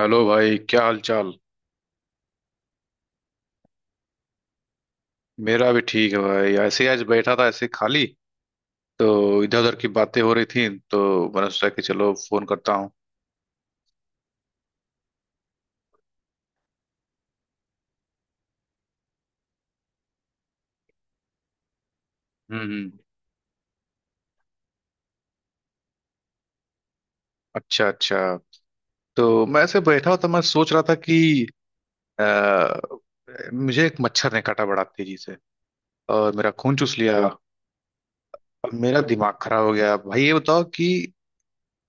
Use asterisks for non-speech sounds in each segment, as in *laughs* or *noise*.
Hello भाई, क्या हाल चाल। मेरा भी ठीक है भाई, ऐसे ही आज बैठा था ऐसे खाली। तो इधर उधर की बातें हो रही थी, तो मैंने सोचा कि चलो फोन करता हूँ। हम्म। अच्छा अच्छा। तो मैं ऐसे बैठा हुआ था, मैं सोच रहा था कि अ, मुझे एक मच्छर ने काटा, बड़ा तेजी से, और मेरा खून चूस लिया। और मेरा दिमाग खराब हो गया। भाई ये बताओ कि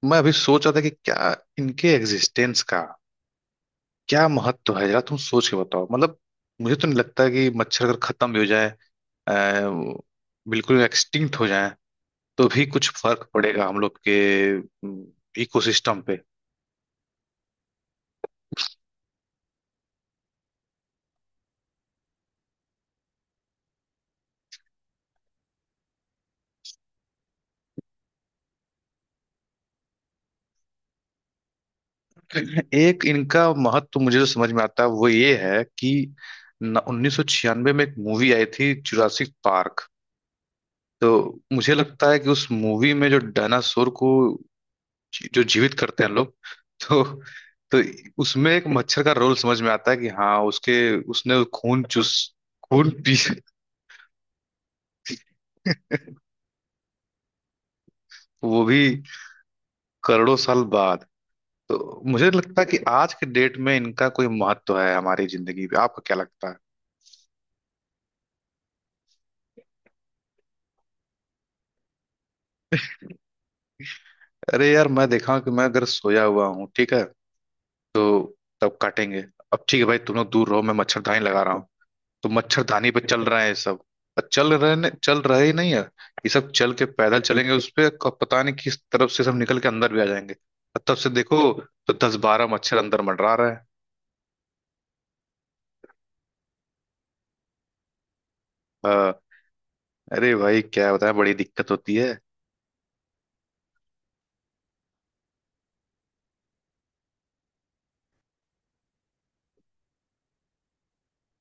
मैं अभी सोच रहा था कि क्या इनके एग्जिस्टेंस का क्या महत्व है? जरा तुम सोच के बताओ, मतलब मुझे तो नहीं लगता कि मच्छर अगर खत्म भी हो जाए, बिल्कुल एक्सटिंक्ट हो जाए, तो भी कुछ फर्क पड़ेगा हम लोग के इकोसिस्टम पे। एक इनका महत्व मुझे जो समझ में आता है वो ये है कि 1996 में एक मूवी आई थी, जुरासिक पार्क। तो मुझे लगता है कि उस मूवी में जो डायनासोर को जो जीवित करते हैं लोग, तो तो उसमें एक मच्छर का रोल समझ में आता है कि हाँ, उसके, उसने खून चूस, खून पी, वो भी करोड़ों साल बाद। तो मुझे लगता है कि आज के डेट में इनका कोई महत्व है हमारी जिंदगी पे? आपको क्या लगता है? अरे यार, मैं देखा कि मैं अगर सोया हुआ हूँ, ठीक है, तो तब काटेंगे। अब ठीक है भाई, तुम लोग दूर रहो, मैं मच्छरदानी लगा रहा हूँ। तो मच्छरदानी पे चल रहा है ये सब। और चल रहे ही नहीं है, ये सब चल के पैदल चलेंगे उस पे, पता नहीं किस तरफ से सब निकल के अंदर भी आ जाएंगे। और तब से देखो, तो 10-12 मच्छर अंदर मंडरा रहे हैं। हाँ, अरे भाई क्या बताएं, बड़ी दिक्कत होती है।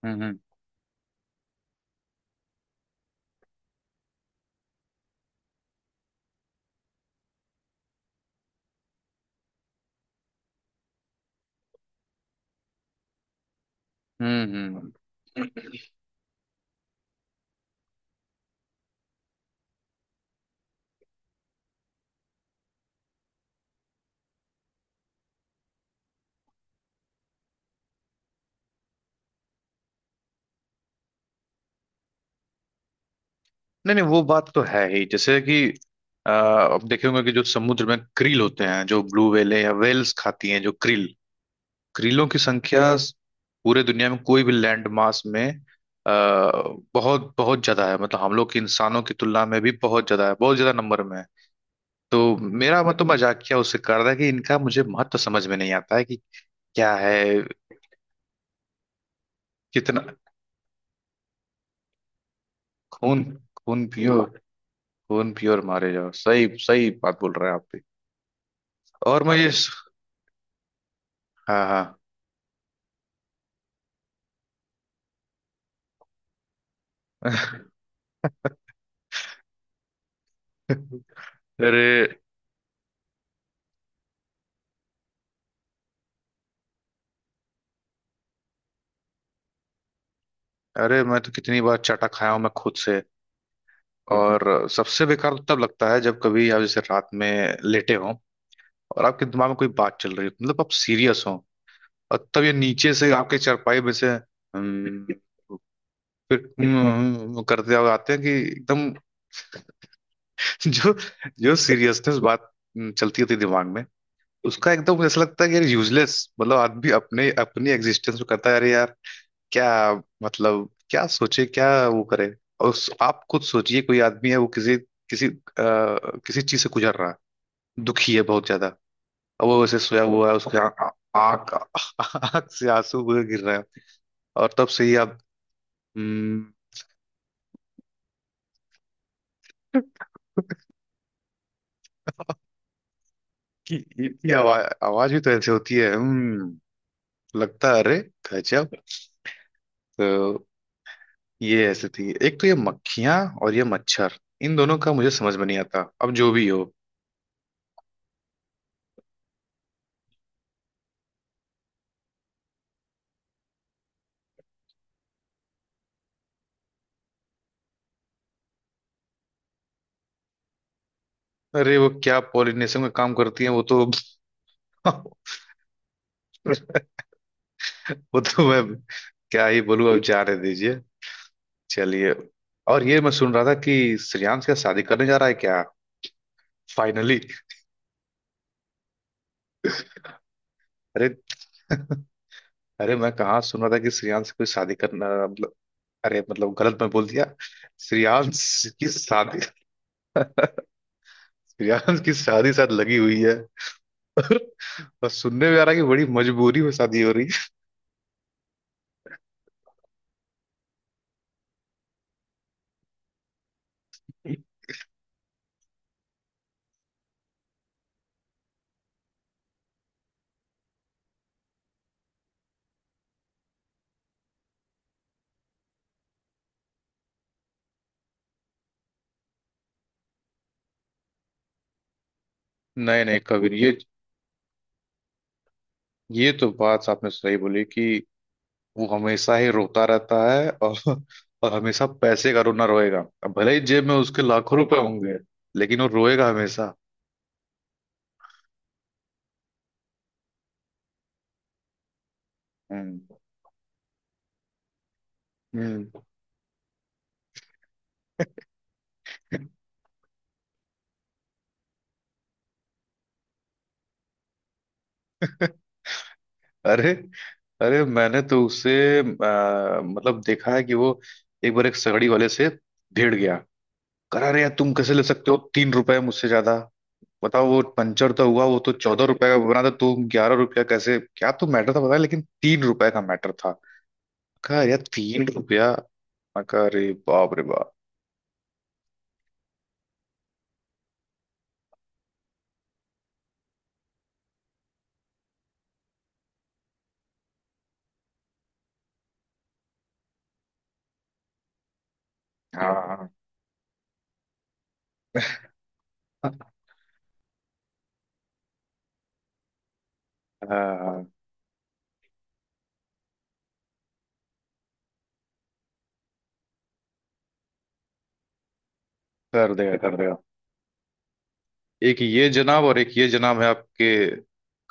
हम्म हम्म हम्म हम्म। नहीं नहीं, वो बात तो है ही, जैसे कि आप देखे होंगे कि जो समुद्र में क्रिल होते हैं, जो ब्लू व्हेल या व्हेल्स खाती हैं, जो क्रिल क्रीलों की संख्या पूरे दुनिया में कोई भी लैंड मास में आ, बहुत बहुत ज्यादा है। मतलब हम लोग के इंसानों की तुलना में भी बहुत ज्यादा है, बहुत ज्यादा नंबर में है। तो मेरा मतलब मजाकिया उससे कर रहा था कि इनका मुझे महत्व समझ में नहीं आता है कि क्या है। कितना खून, खून पियो, खून पियो और मारे जाओ। सही सही बात बोल रहे हैं आप भी। और मैं ये, हाँ हाँ। *laughs* अरे, अरे मैं तो कितनी बार चाटा खाया हूं मैं खुद से। और सबसे बेकार तो तब लगता है जब कभी आप जैसे रात में लेटे हो, और आपके दिमाग में कोई बात चल रही हो, मतलब आप सीरियस हो, और तब ये नीचे से आपके चारपाई में से फिर करते हुए आते हैं कि एकदम *laughs* जो जो सीरियसनेस बात चलती होती है दिमाग में, उसका एकदम ऐसा लगता है कि यार यूजलेस, मतलब आदमी अपने अपनी एग्जिस्टेंस में करता है, अरे यार क्या, मतलब क्या सोचे, क्या वो करे। और आप खुद सोचिए, कोई आदमी है, वो किसी किसी अ, किसी चीज से गुजर रहा है, दुखी है बहुत ज्यादा। अब वो वैसे सोया हुआ है, उसके आंख आंख *laughs* से आंसू बह गिर रहे हैं। और तब से ही आप हम्म, की इसकी आवाज आवाज भी तो ऐसे होती है। लगता है, अरे गजब। तो ये ऐसे थी, एक तो ये मक्खियां और ये मच्छर, इन दोनों का मुझे समझ में नहीं आता, अब जो भी हो। अरे वो क्या पॉलिनेशन का काम करती है, वो तो। *laughs* वो तो मैं क्या ही बोलूं, अब जाने दीजिए। चलिए। और ये मैं सुन रहा था कि श्रेयांश क्या शादी करने जा रहा है क्या, फाइनली? अरे। *laughs* अरे मैं कहाँ सुन रहा था कि श्रेयांश से कोई शादी करना, मतलब, अरे मतलब गलत मैं बोल दिया। श्रेयांश की शादी, *laughs* श्रेयांश की शादी साथ लगी हुई है। *laughs* और सुनने में आ रहा है कि बड़ी मजबूरी में शादी हो रही है। *laughs* नहीं नहीं कबीर, ये तो बात आपने सही बोली कि वो हमेशा ही रोता रहता है, और हमेशा पैसे का रोना रोएगा। अब भले ही जेब में उसके लाखों रुपए होंगे, लेकिन वो रोएगा हमेशा। हम्म हम्म। *laughs* अरे, अरे मैंने तो उसे मतलब देखा है कि वो एक बार एक सगड़ी वाले से भिड़ गया। करा रहे यार, तुम कैसे ले सकते हो 3 रुपए मुझसे ज्यादा? बताओ, वो पंचर तो हुआ, वो तो 14 रुपए का बना था, तुम 11 रुपया कैसे। क्या तो मैटर था पता है? लेकिन 3 रुपए का मैटर था। कहा यार 3 रुपया। मैं कहा, अरे बाप रे बाप। हाँ हाँ। कर देगा कर देगा। एक ये जनाब और एक ये जनाब है आपके,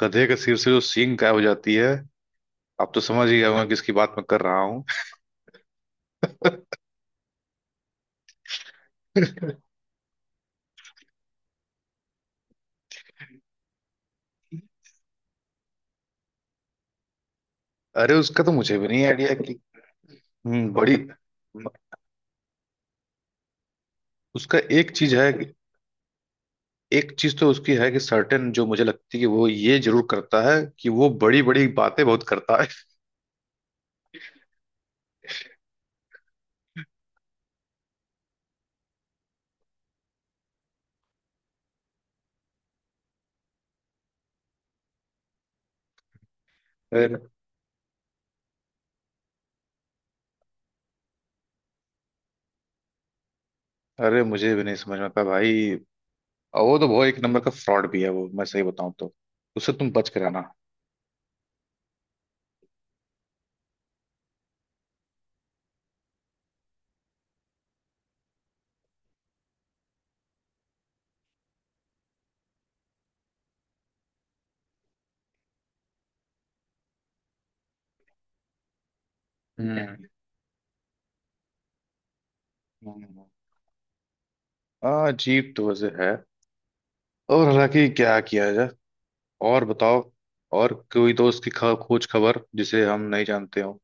गधे के सिर से जो सींग गायब हो जाती है। आप तो समझ ही गए होंगे किसकी बात मैं कर रहा हूँ। *laughs* अरे उसका तो मुझे भी नहीं आइडिया कि बड़ी, उसका एक चीज है एक चीज तो उसकी है कि सर्टेन जो मुझे लगती है कि वो ये जरूर करता है कि वो बड़ी बड़ी बातें बहुत करता है। अरे, अरे मुझे भी नहीं समझ में आता भाई। और वो तो बहुत एक नंबर का फ्रॉड भी है वो, मैं सही बताऊं तो उससे तुम बच कर रहना। हम्म हम्म। हाँ, अजीब तो वजह है। और हालांकि क्या किया जाए। और बताओ, और कोई दोस्त की खोज खबर जिसे हम नहीं जानते हो?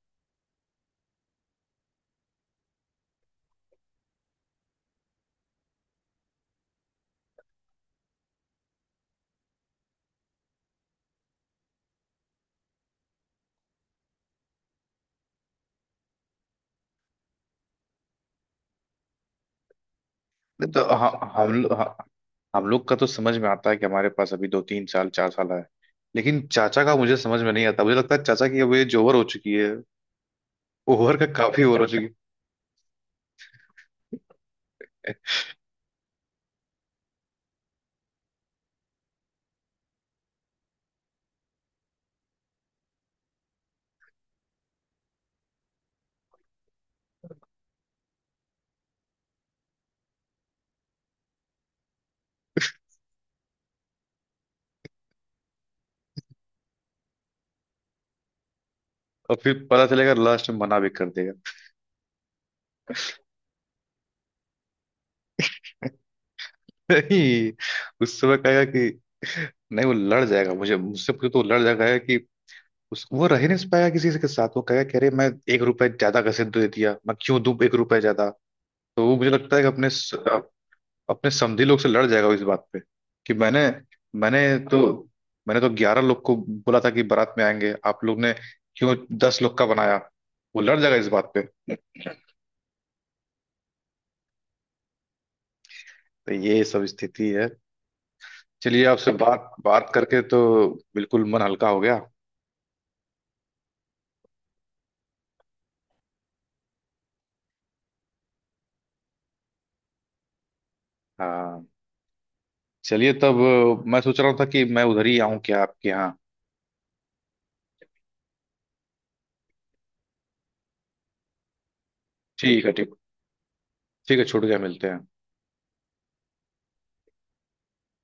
नहीं तो हम लोग का तो समझ में आता है कि हमारे पास अभी 2-3 साल 4 साल है। लेकिन चाचा का मुझे समझ में नहीं आता, मुझे लगता है चाचा की अब एज ओवर हो चुकी है। ओवर का काफी ओवर हो चुकी है। और फिर पता चलेगा लास्ट में मना भी कर देगा। *laughs* नहीं, उस समय कहेगा कि नहीं, वो लड़ जाएगा। मुझे तो वो लड़ जाएगा कि उस वो रह नहीं पाया किसी से के साथ, वो कह कह रहे मैं 1 रुपए ज्यादा कैसे दे दिया, मैं क्यों दूं 1 रुपए ज्यादा। तो वो मुझे लगता है कि अपने अपने समधी लोग से लड़ जाएगा इस बात पे कि मैंने मैंने तो मैंने तो 11 लोग को बोला था कि बारात में आएंगे, आप लोग ने क्यों 10 लोग का बनाया। वो लड़ जाएगा इस बात पे। तो ये सब स्थिति है। चलिए आपसे बात बात करके तो बिल्कुल मन हल्का हो गया। हाँ। चलिए तब, मैं सोच रहा था कि मैं उधर ही आऊं क्या आपके यहाँ? ठीक है, ठीक, ठीक है, छूट गया, मिलते हैं।